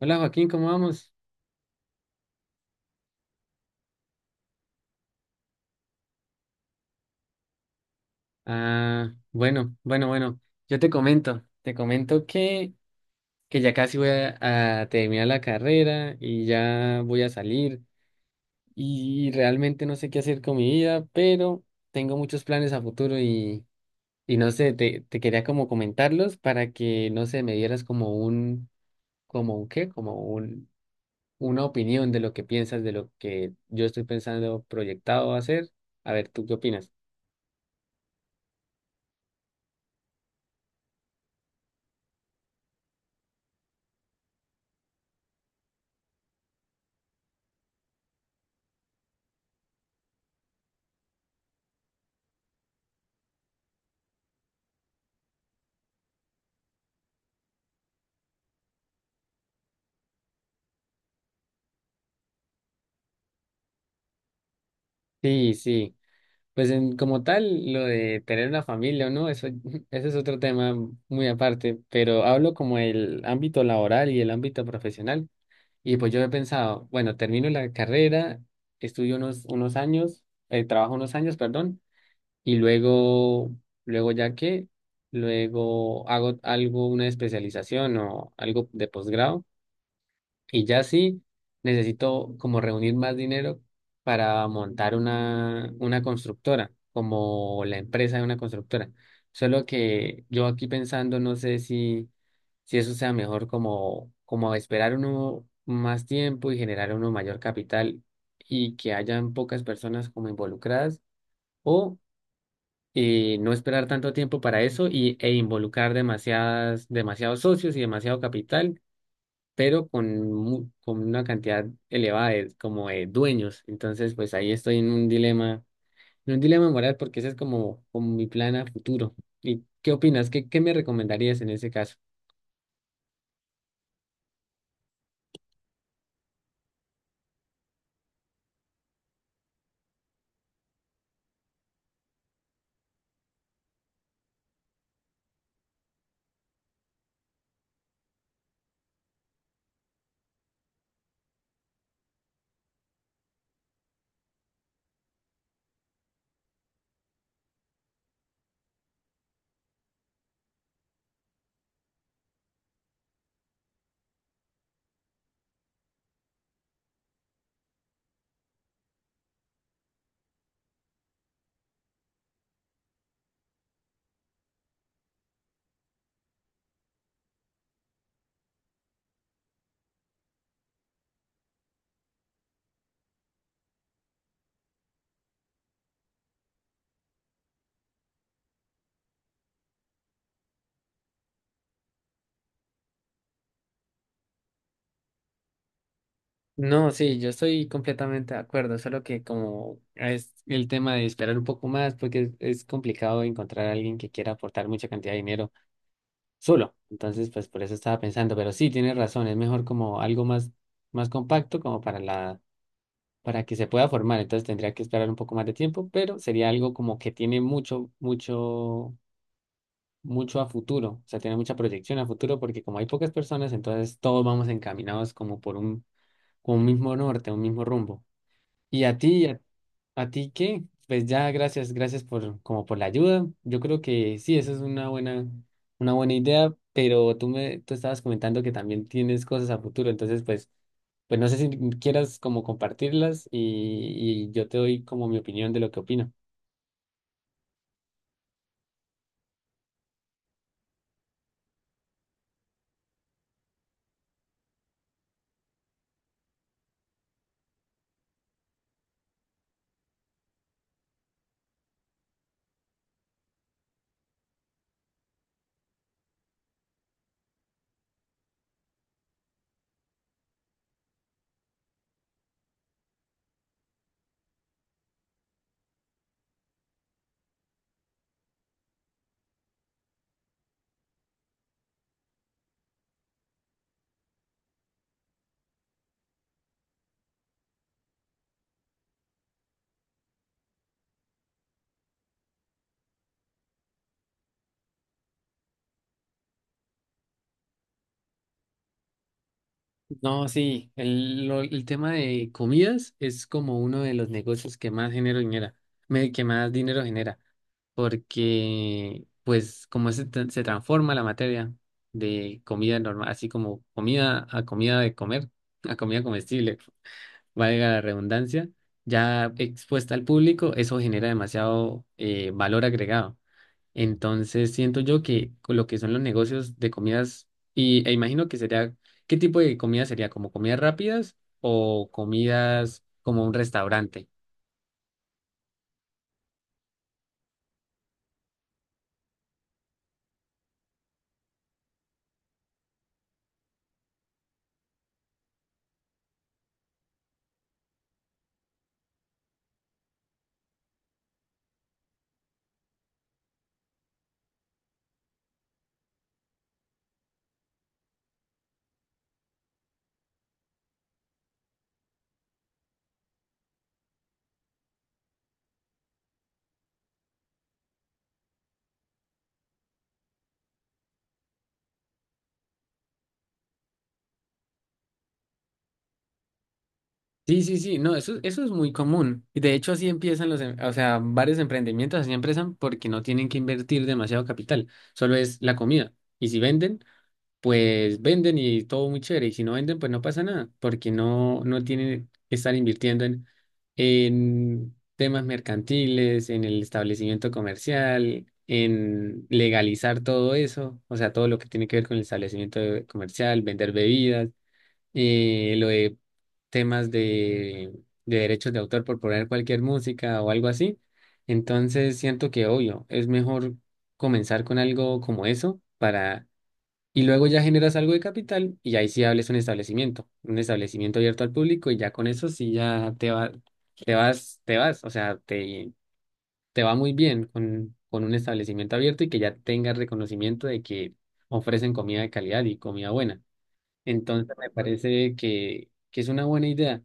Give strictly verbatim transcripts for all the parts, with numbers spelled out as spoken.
Hola Joaquín, ¿cómo vamos? Ah, bueno, bueno, bueno. Yo te comento, te comento que, que ya casi voy a, a terminar la carrera y ya voy a salir y realmente no sé qué hacer con mi vida, pero tengo muchos planes a futuro y, y no sé, te, te quería como comentarlos para que, no sé, me dieras como un, como un qué, como un, una opinión de lo que piensas, de lo que yo estoy pensando proyectado hacer. A ver, ¿tú qué opinas? Sí, sí. Pues en, como tal, lo de tener una familia o no, eso, ese es otro tema muy aparte, pero hablo como el ámbito laboral y el ámbito profesional. Y pues yo he pensado, bueno, termino la carrera, estudio unos, unos años, eh, trabajo unos años, perdón, y luego, luego ya que, luego hago algo, una especialización o algo de posgrado y ya sí, necesito como reunir más dinero para montar una, una constructora, como la empresa de una constructora. Solo que yo aquí pensando, no sé si, si eso sea mejor como, como esperar uno más tiempo y generar uno mayor capital y que hayan pocas personas como involucradas o eh, no esperar tanto tiempo para eso y, e involucrar demasiadas, demasiados socios y demasiado capital pero con, mu- con una cantidad elevada de, como de dueños. Entonces, pues ahí estoy en un dilema, en un dilema moral porque ese es como, como mi plan a futuro. ¿Y qué opinas? ¿Qué, qué me recomendarías en ese caso? No, sí, yo estoy completamente de acuerdo, solo que como es el tema de esperar un poco más, porque es, es complicado encontrar a alguien que quiera aportar mucha cantidad de dinero solo. Entonces, pues por eso estaba pensando, pero sí, tienes razón, es mejor como algo más, más compacto, como para la para que se pueda formar. Entonces tendría que esperar un poco más de tiempo, pero sería algo como que tiene mucho, mucho, mucho a futuro. O sea, tiene mucha proyección a futuro porque como hay pocas personas, entonces todos vamos encaminados como por un, con un mismo norte, un mismo rumbo. ¿Y a ti? ¿A ti qué? Pues ya, gracias, gracias por como por la ayuda. Yo creo que sí, eso es una buena, una buena idea, pero tú me, tú estabas comentando que también tienes cosas a futuro, entonces pues, pues no sé si quieras como compartirlas y, y yo te doy como mi opinión de lo que opino. No, sí, el, lo- el tema de comidas es como uno de los negocios que más dinero genera, me- que más dinero genera. Porque pues como se, tra- se transforma la materia de comida normal, así como comida a comida de comer, a comida comestible, valga la redundancia, ya expuesta al público, eso genera demasiado eh, valor agregado. Entonces siento yo que con lo que son los negocios de comidas, y, e imagino que sería, ¿qué tipo de comida sería? ¿Como comidas rápidas o comidas como un restaurante? Sí, sí, sí, no, eso, eso es muy común. Y de hecho así empiezan los, em- o sea, varios emprendimientos así empiezan porque no tienen que invertir demasiado capital, solo es la comida. Y si venden, pues venden y todo muy chévere. Y si no venden, pues no pasa nada, porque no, no tienen que estar invirtiendo en, en temas mercantiles, en el establecimiento comercial, en legalizar todo eso, o sea, todo lo que tiene que ver con el establecimiento de- comercial, vender bebidas. Y lo de temas de, de derechos de autor por poner cualquier música o algo así. Entonces siento que, obvio, es mejor comenzar con algo como eso para... Y luego ya generas algo de capital y ahí sí hables un establecimiento, un establecimiento abierto al público y ya con eso sí ya te va, te vas, te vas, o sea, te, te va muy bien con, con un establecimiento abierto y que ya tengas reconocimiento de que ofrecen comida de calidad y comida buena. Entonces me parece que, que es una buena idea.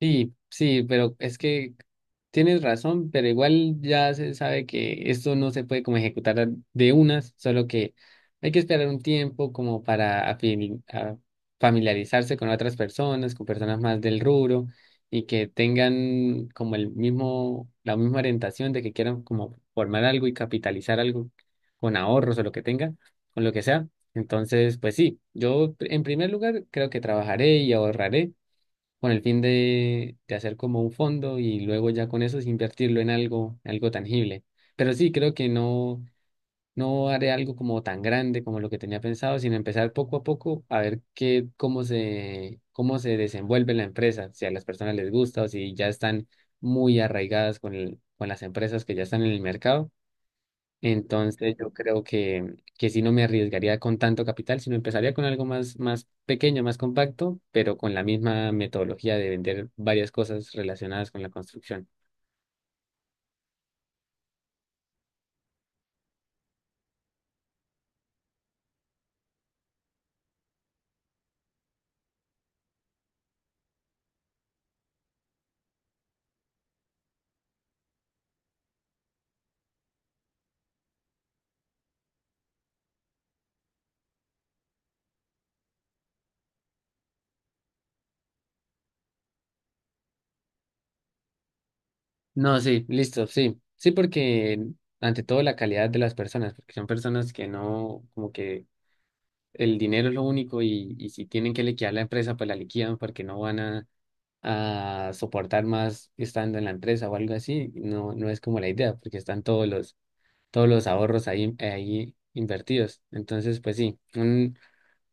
Sí, sí, pero es que tienes razón, pero igual ya se sabe que esto no se puede como ejecutar de unas, solo que hay que esperar un tiempo como para afili- a- familiarizarse con otras personas, con personas más del rubro y que tengan como el mismo, la misma orientación de que quieran como formar algo y capitalizar algo con ahorros o lo que tengan, con lo que sea. Entonces, pues sí, yo en primer lugar creo que trabajaré y ahorraré con el fin de, de hacer como un fondo y luego ya con eso es invertirlo en algo, algo tangible. Pero sí, creo que no, no haré algo como tan grande como lo que tenía pensado, sino empezar poco a poco a ver qué, cómo se, cómo se desenvuelve la empresa, si a las personas les gusta o si ya están muy arraigadas con el- con las empresas que ya están en el mercado. Entonces yo creo que, que sí no me arriesgaría con tanto capital, sino empezaría con algo más, más pequeño, más compacto, pero con la misma metodología de vender varias cosas relacionadas con la construcción. No, sí, listo, sí. Sí, porque ante todo la calidad de las personas, porque son personas que no, como que el dinero es lo único y, y si tienen que liquidar la empresa, pues la liquidan porque no van a, a soportar más estando en la empresa o algo así. No, no es como la idea, porque están todos los todos los ahorros ahí, ahí invertidos. Entonces, pues sí, un-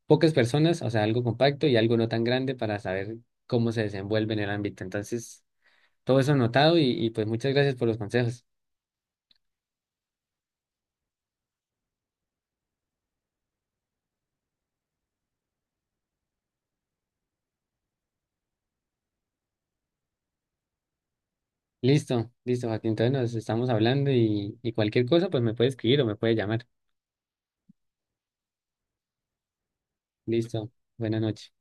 pocas personas, o sea, algo compacto y algo no tan grande para saber cómo se desenvuelve en el ámbito. Entonces, todo eso anotado y, y pues muchas gracias por los consejos. Listo, listo, Joaquín. Entonces nos estamos hablando y, y cualquier cosa, pues me puede escribir o me puede llamar. Listo, buenas noches.